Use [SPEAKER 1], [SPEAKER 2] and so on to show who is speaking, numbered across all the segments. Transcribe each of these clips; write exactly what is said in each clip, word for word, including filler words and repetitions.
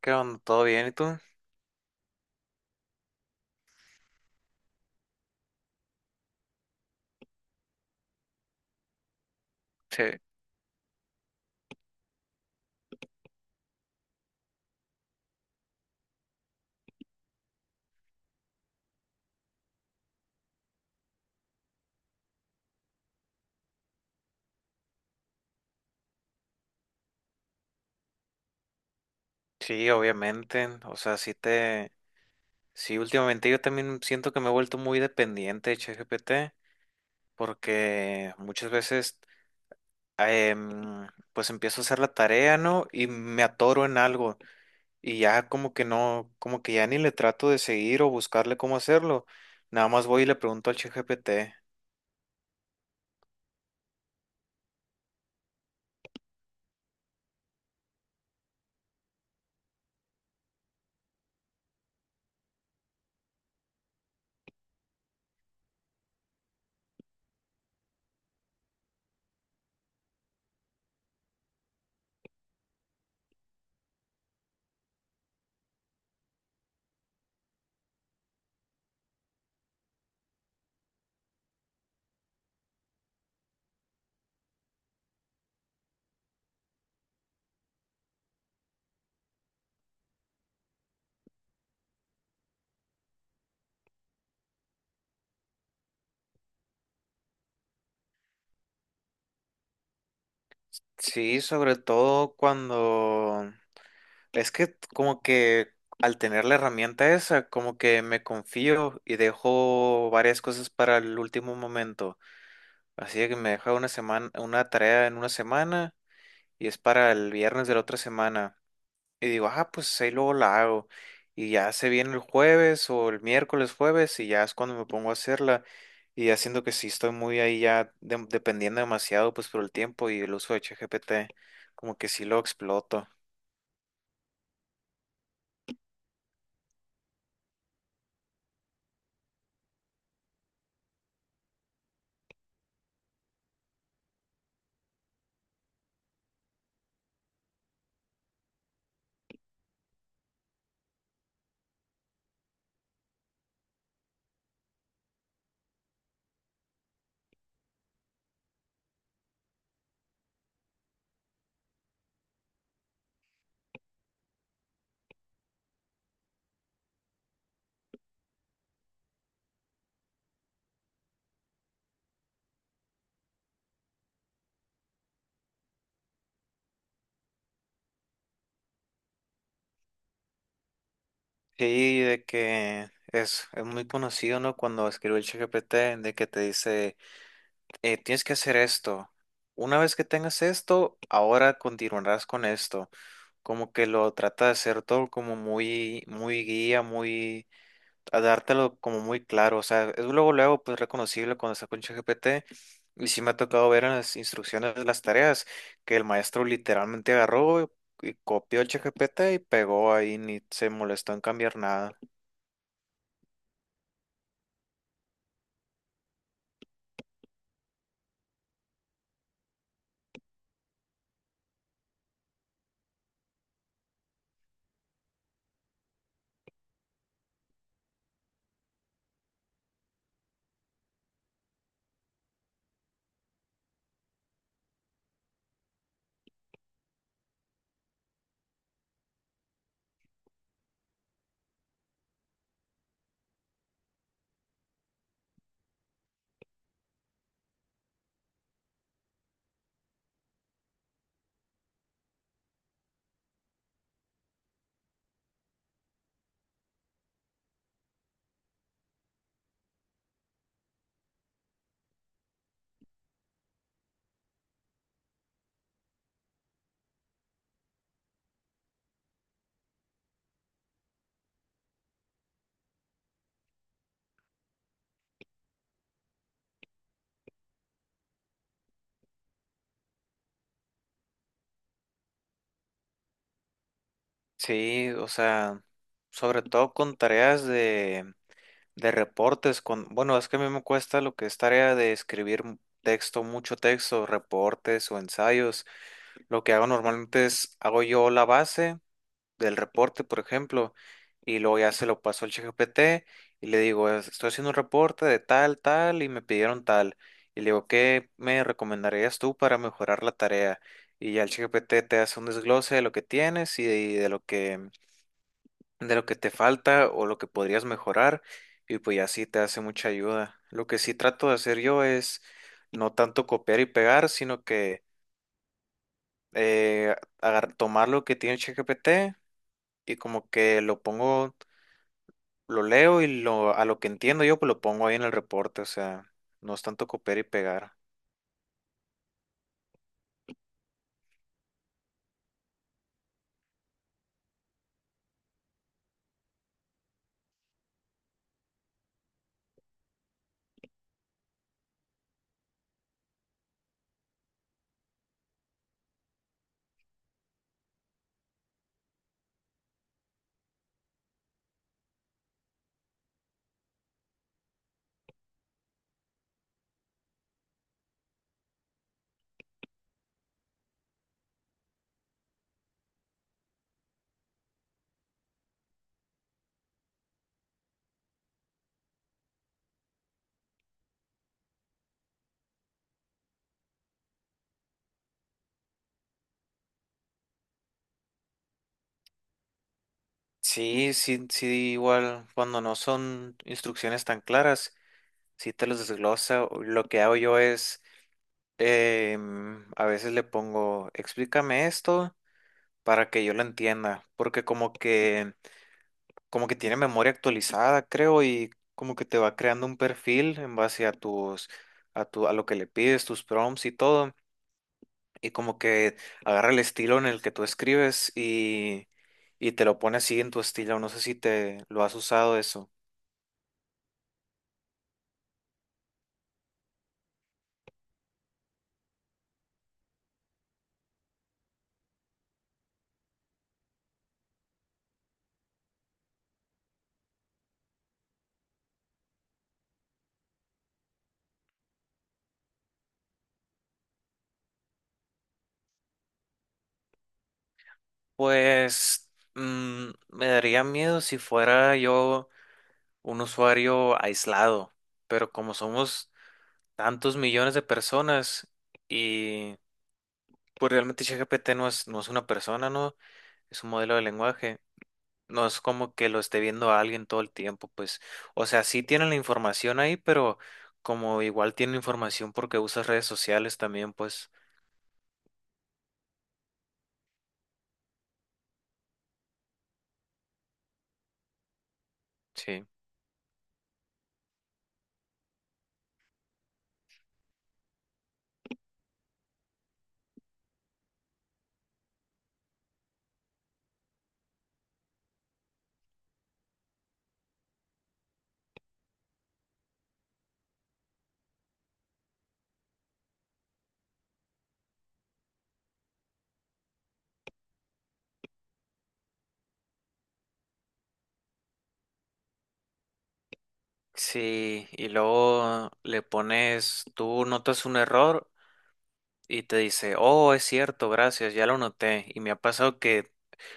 [SPEAKER 1] ¿Qué onda? ¿Todo bien? ¿Y tú? Sí. Sí, obviamente. O sea, sí te... Sí, últimamente yo también siento que me he vuelto muy dependiente de ChatGPT porque muchas veces em, pues empiezo a hacer la tarea, ¿no? Y me atoro en algo y ya como que no, como que ya ni le trato de seguir o buscarle cómo hacerlo. Nada más voy y le pregunto al ChatGPT. Sí, sobre todo cuando... Es que como que al tener la herramienta esa, como que me confío y dejo varias cosas para el último momento. Así que me deja una semana, una tarea en una semana, y es para el viernes de la otra semana. Y digo, ah, pues ahí luego la hago. Y ya se viene el jueves o el miércoles jueves y ya es cuando me pongo a hacerla. Y haciendo que sí estoy muy ahí ya de- dependiendo demasiado pues por el tiempo y el uso de ChatGPT, como que sí lo exploto. Sí, de que es, es muy conocido, ¿no? Cuando escribió el ChatGPT, de que te dice, eh, tienes que hacer esto. Una vez que tengas esto, ahora continuarás con esto. Como que lo trata de hacer todo como muy, muy guía, muy, a dártelo como muy claro. O sea, es luego, luego, pues reconocible cuando está con ChatGPT. Y sí me ha tocado ver en las instrucciones de las tareas que el maestro literalmente agarró y copió el ChatGPT y pegó ahí, ni se molestó en cambiar nada. Sí, o sea, sobre todo con tareas de, de reportes, con, bueno, es que a mí me cuesta lo que es tarea de escribir m- texto, mucho texto, reportes o ensayos. Lo que hago normalmente es, hago yo la base del reporte, por ejemplo, y luego ya se lo paso al ChatGPT y le digo, "Es- estoy haciendo un reporte de tal, tal, y me pidieron tal". Y le digo, ¿qué me recomendarías tú para mejorar la tarea? Y ya el ChatGPT te hace un desglose de lo que tienes y de y de lo que de lo que te falta o lo que podrías mejorar, y pues ya sí te hace mucha ayuda. Lo que sí trato de hacer yo es no tanto copiar y pegar, sino que eh, agar- tomar lo que tiene ChatGPT y como que lo pongo, lo leo y lo, a lo que entiendo yo pues lo pongo ahí en el reporte. O sea, no es tanto copiar y pegar. Sí, sí, sí, igual cuando no son instrucciones tan claras, sí te los desglosa. Lo que hago yo es... Em, a veces le pongo, explícame esto para que yo lo entienda, porque como que, como que tiene memoria actualizada, creo, y como que te va creando un perfil en base a tus, a tu, a lo que le pides, tus prompts y todo, y como que agarra el estilo en el que tú escribes y, y te lo pone así en tu estilo. No sé si te lo has usado eso. Pues mm, me daría miedo si fuera yo, un usuario aislado, pero como somos tantos millones de personas y pues realmente ChatGPT no es, no es una persona, ¿no? Es un modelo de lenguaje. No es como que lo esté viendo a alguien todo el tiempo, pues. O sea, sí tienen la información ahí, pero como igual tienen información porque usas redes sociales también, pues, sí. Sí, y luego le pones, tú notas un error y te dice, oh, es cierto, gracias, ya lo noté. Y me ha pasado que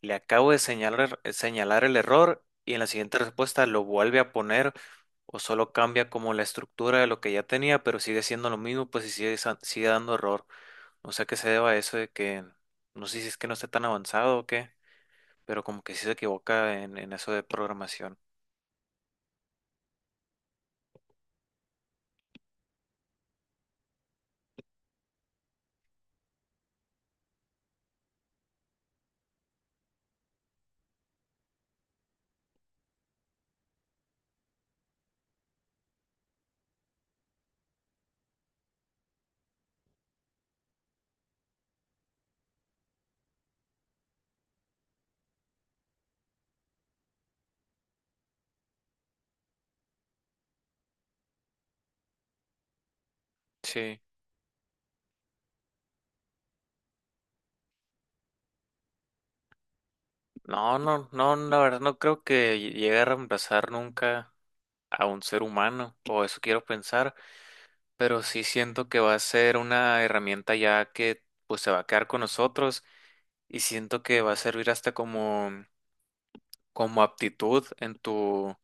[SPEAKER 1] le acabo de señalar, señalar el error y en la siguiente respuesta lo vuelve a poner o solo cambia como la estructura de lo que ya tenía, pero sigue siendo lo mismo, pues, y sigue, sa- sigue dando error. No sé a qué se deba eso, de que no sé si es que no esté tan avanzado o qué, pero como que sí se equivoca en, en eso de programación. Sí. No, no, no, la verdad no creo que lle- llegue a reemplazar nunca a un ser humano, o eso quiero pensar, pero sí siento que va a ser una herramienta ya, que pues se va a quedar con nosotros, y siento que va a servir hasta como, como aptitud en tu,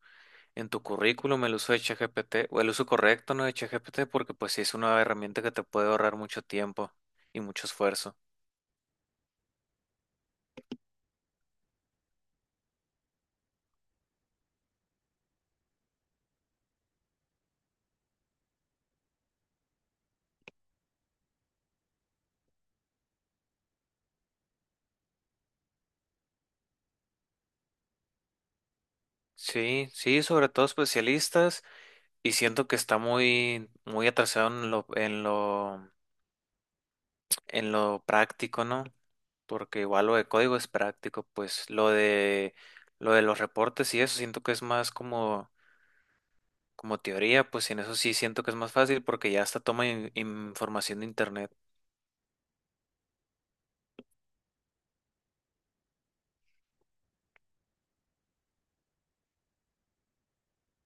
[SPEAKER 1] en tu currículum el uso de ChatGPT, o el uso correcto, ¿no?, de ChatGPT, porque pues sí es una herramienta que te puede ahorrar mucho tiempo y mucho esfuerzo. Sí, sí, sobre todo especialistas, y siento que está muy, muy atrasado en lo, en lo, en lo práctico, ¿no? Porque igual lo de código es práctico, pues lo de, lo de los reportes y eso siento que es más como... Como teoría, pues en eso sí siento que es más fácil porque ya hasta toma in- información de internet.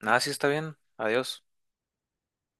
[SPEAKER 1] Nada, sí está bien. Adiós.